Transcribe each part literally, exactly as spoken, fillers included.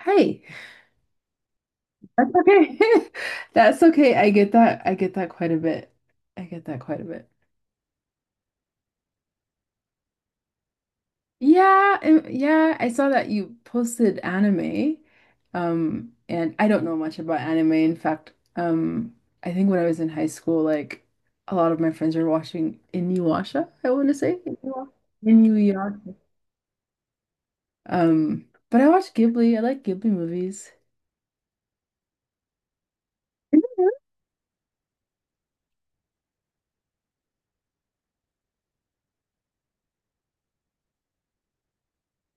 Hey, that's okay. That's okay. I get that. I get that quite a bit. I get that quite a bit. Yeah, and- yeah, I saw that you posted anime. Um, and I don't know much about anime. In fact, um, I think when I was in high school, like a lot of my friends were watching Inuyasha, I want to say. Inuyasha. Inuyasha. Um, but I watched Ghibli. I like Ghibli movies.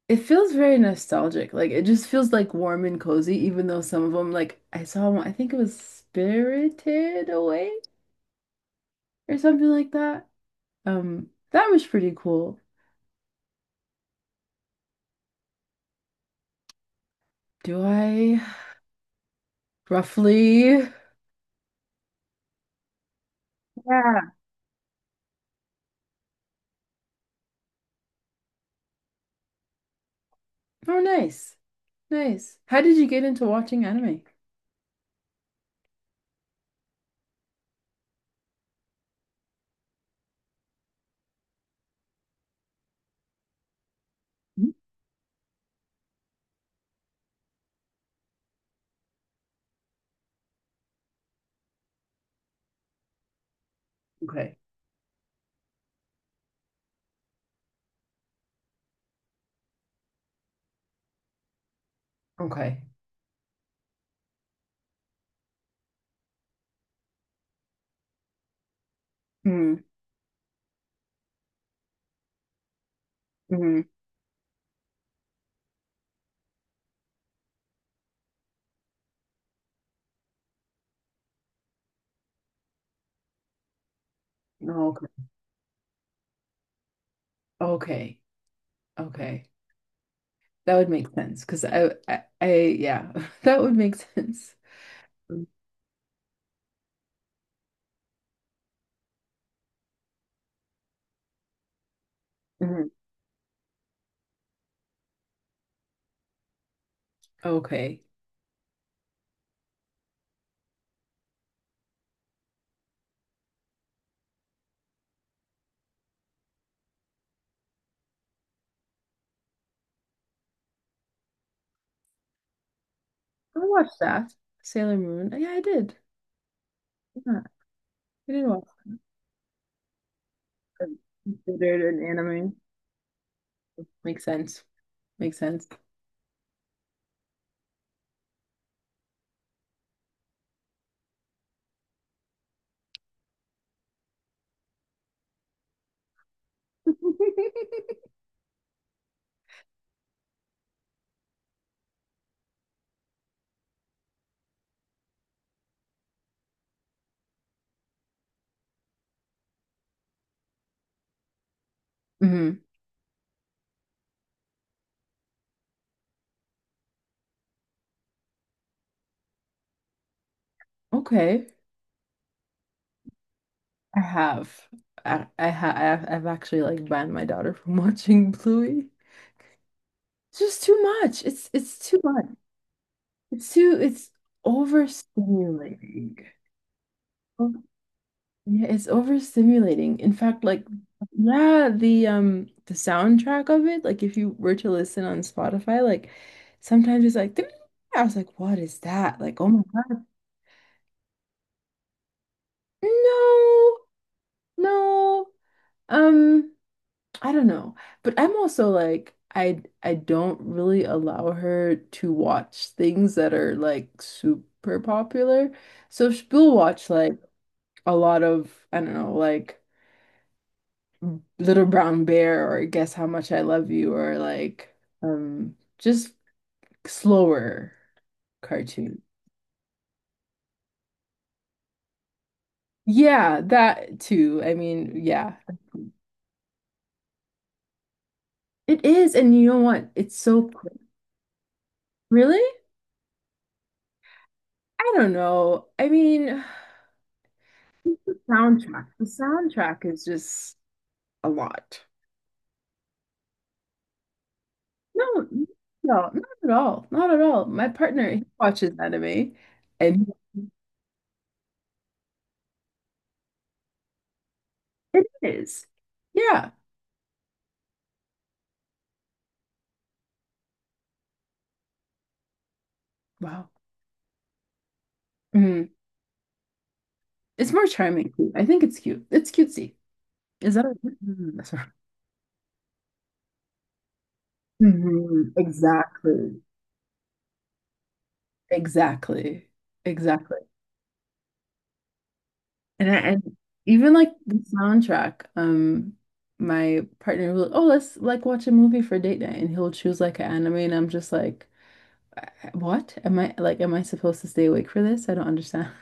It feels very nostalgic. Like it just feels like warm and cozy, even though some of them, like I saw one, I think it was Spirited Away or something like that. Um, that was pretty cool. Do I roughly? Yeah. Oh, nice. Nice. How did you get into watching anime? Hmm? Okay. Okay. Mm, mm, okay. Okay. Okay. That would make sense because I, I, I, yeah, that would make sense. Mm. Mhm. Okay. I watched that. Sailor Moon. Yeah, I did. Yeah, I did watch it. Considered an anime. Makes sense. Makes sense. Hmm. Okay. I have. I I ha I have, I've actually like banned my daughter from watching Bluey. It's just too much. It's it's too much. It's too it's overstimulating. Yeah, it's overstimulating. In fact, like yeah, the um the soundtrack of it, like if you were to listen on Spotify, like sometimes it's like I was like, what is that? Like, oh my God. No, no. Um, I don't know. But I'm also like I I don't really allow her to watch things that are like super popular. So she'll watch like a lot of, I don't know, like Little Brown Bear or Guess How Much I Love You or like um just slower cartoon. Yeah, that too. I mean, yeah. It is, and you know what? It's so quick. Really? I don't know. I mean, the soundtrack. The soundtrack is just a lot. No, no, not at all. Not at all. My partner, he watches anime and it is. Yeah. Wow. Mm-hmm. It's more charming too. I think it's cute. It's cutesy. Is that a— Mhm, that's right. Mhm, exactly. Exactly. Exactly. And I, and even like the soundtrack, um, my partner will, oh, let's like watch a movie for date night, and he'll choose like an anime, and I'm just like, "Uh, what? Am I like, am I supposed to stay awake for this? I don't understand."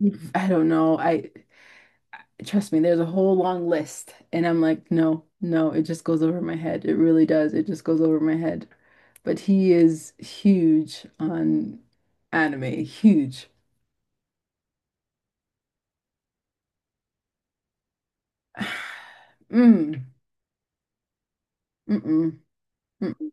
I don't know. I Trust me, there's a whole long list. And I'm like, no, no, it just goes over my head. It really does. It just goes over my head. But he is huge on anime, huge. Mm, mm-mm, mm-mm.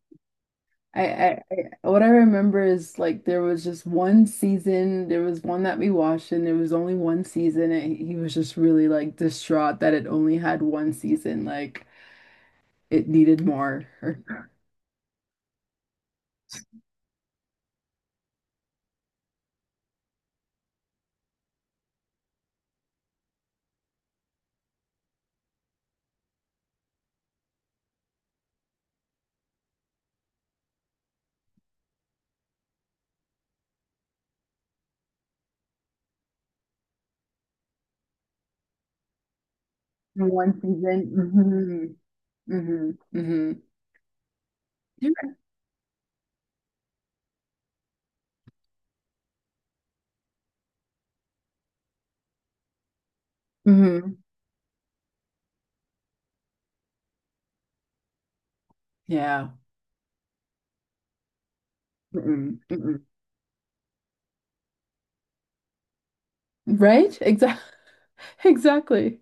I, I, I, what I remember is like there was just one season. There was one that we watched, and it was only one season. And he was just really like distraught that it only had one season. Like it needed more. One season. Hmm, hmm, hmm. Mhm. Yeah. Mm-mm. Mm-mm. Right? Exactly. Exactly.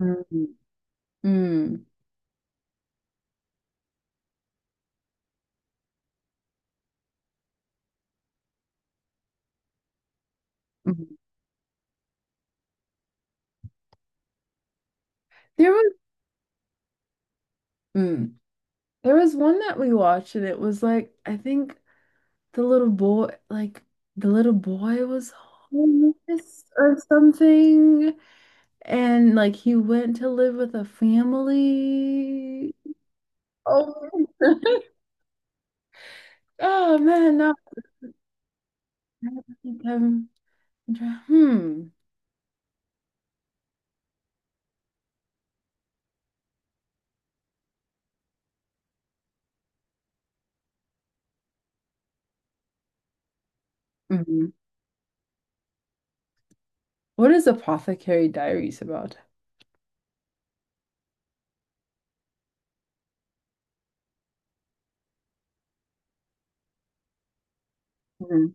Mm. Mm. Mm. There was mm. There was one that we watched and it was like I think the little boy like the little boy was homeless or something and like he went to live with a family. Oh, oh man, no. I don't think I'm— Hmm. Mhm. What is Apothecary Diaries about? Mhm.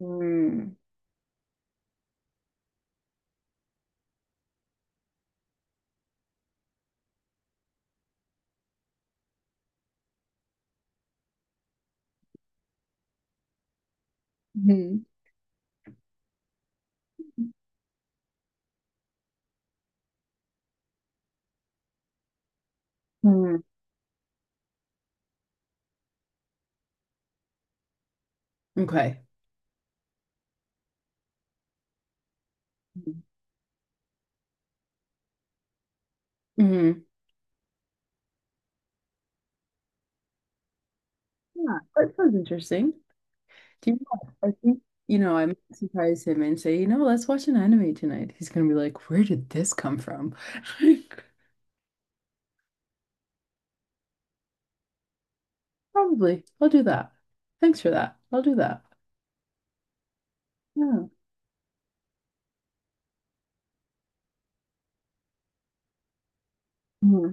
Hmm. Mhm. Mm. Okay. Mm. Mhm. Yeah, that sounds interesting. Do you know what? I think, you know, I might surprise him and say, you know, let's watch an anime tonight. He's gonna be like, where did this come from? Like, probably. I'll do that. Thanks for that. I'll do that. Yeah. Hmm,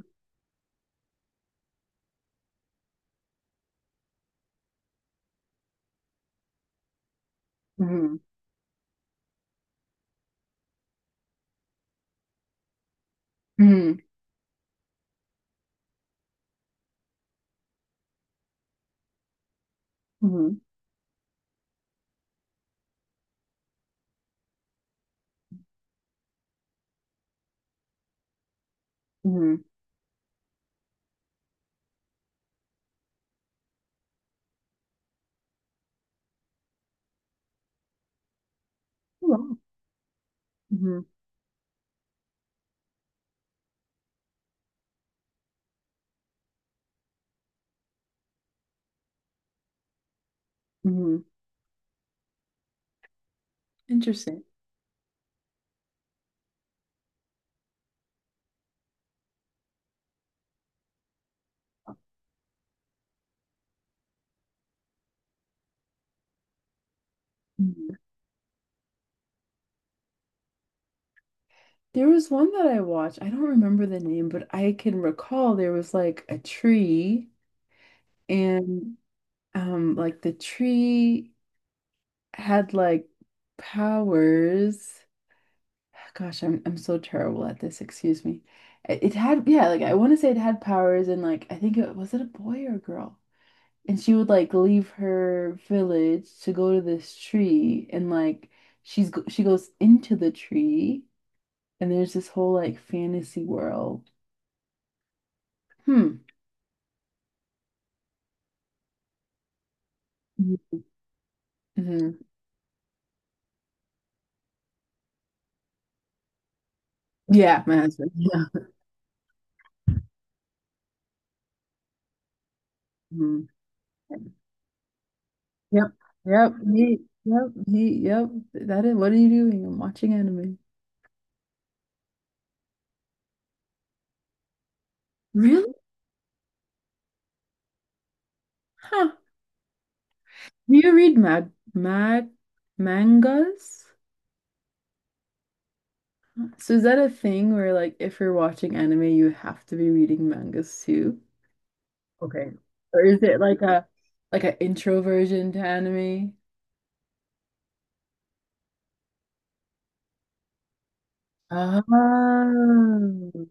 hmm, hmm, hmm, hmm. Wow. Hmm, hmm. Interesting. Mhm. There was one that I watched. I don't remember the name, but I can recall there was like a tree. And um like the tree had like powers. Gosh, I'm I'm so terrible at this, excuse me. It, it had yeah, like I want to say it had powers and like I think it was it a boy or a girl? And she would like leave her village to go to this tree and like she's go she goes into the tree and there's this whole like fantasy world. Hmm. Mhm. Mhm. Yeah, my husband. Yeah. Mhm. Yep. Yep. He, yep. He, yep. That is, what are you doing? I'm watching anime. Really? Huh. Do you read mag, mag, mangas? So is that a thing where like if you're watching anime, you have to be reading mangas too? Okay. Or is it like a like an intro version to anime? Oh.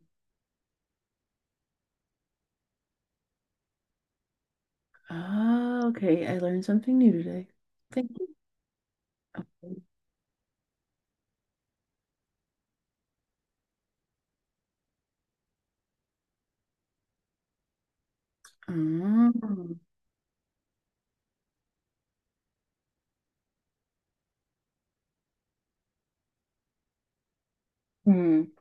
Oh, okay. I learned something new today. Thank you. Okay. Oh. Hmm.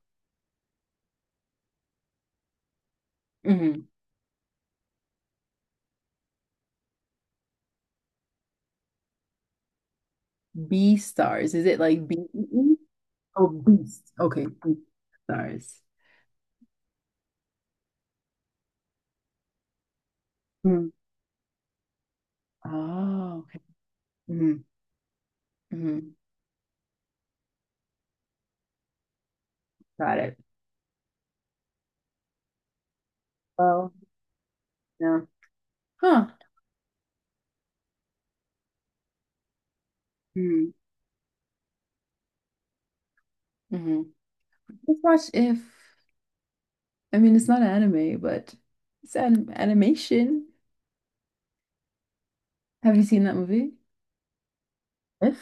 Mm-hmm. B stars. Is it like B? E E? Oh, beast. Okay, beast stars. Hmm. Oh, okay. Hmm, hmm. Got it. Well, yeah. Huh. Hmm. Hmm. Let's watch If. I mean, it's not anime, but it's an animation. Have you seen that movie? If?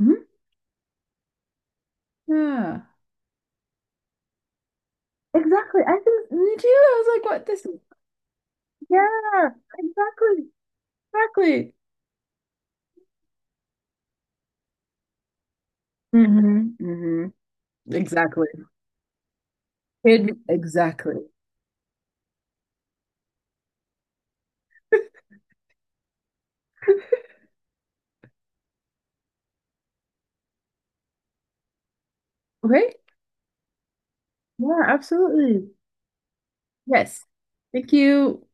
Hmm. Yeah. Exactly. I think me too. I was like, what this? Yeah, exactly. Exactly. Hmm, hmm. Exactly. Kid, exactly. Okay. Yeah, absolutely. Yes. Thank you.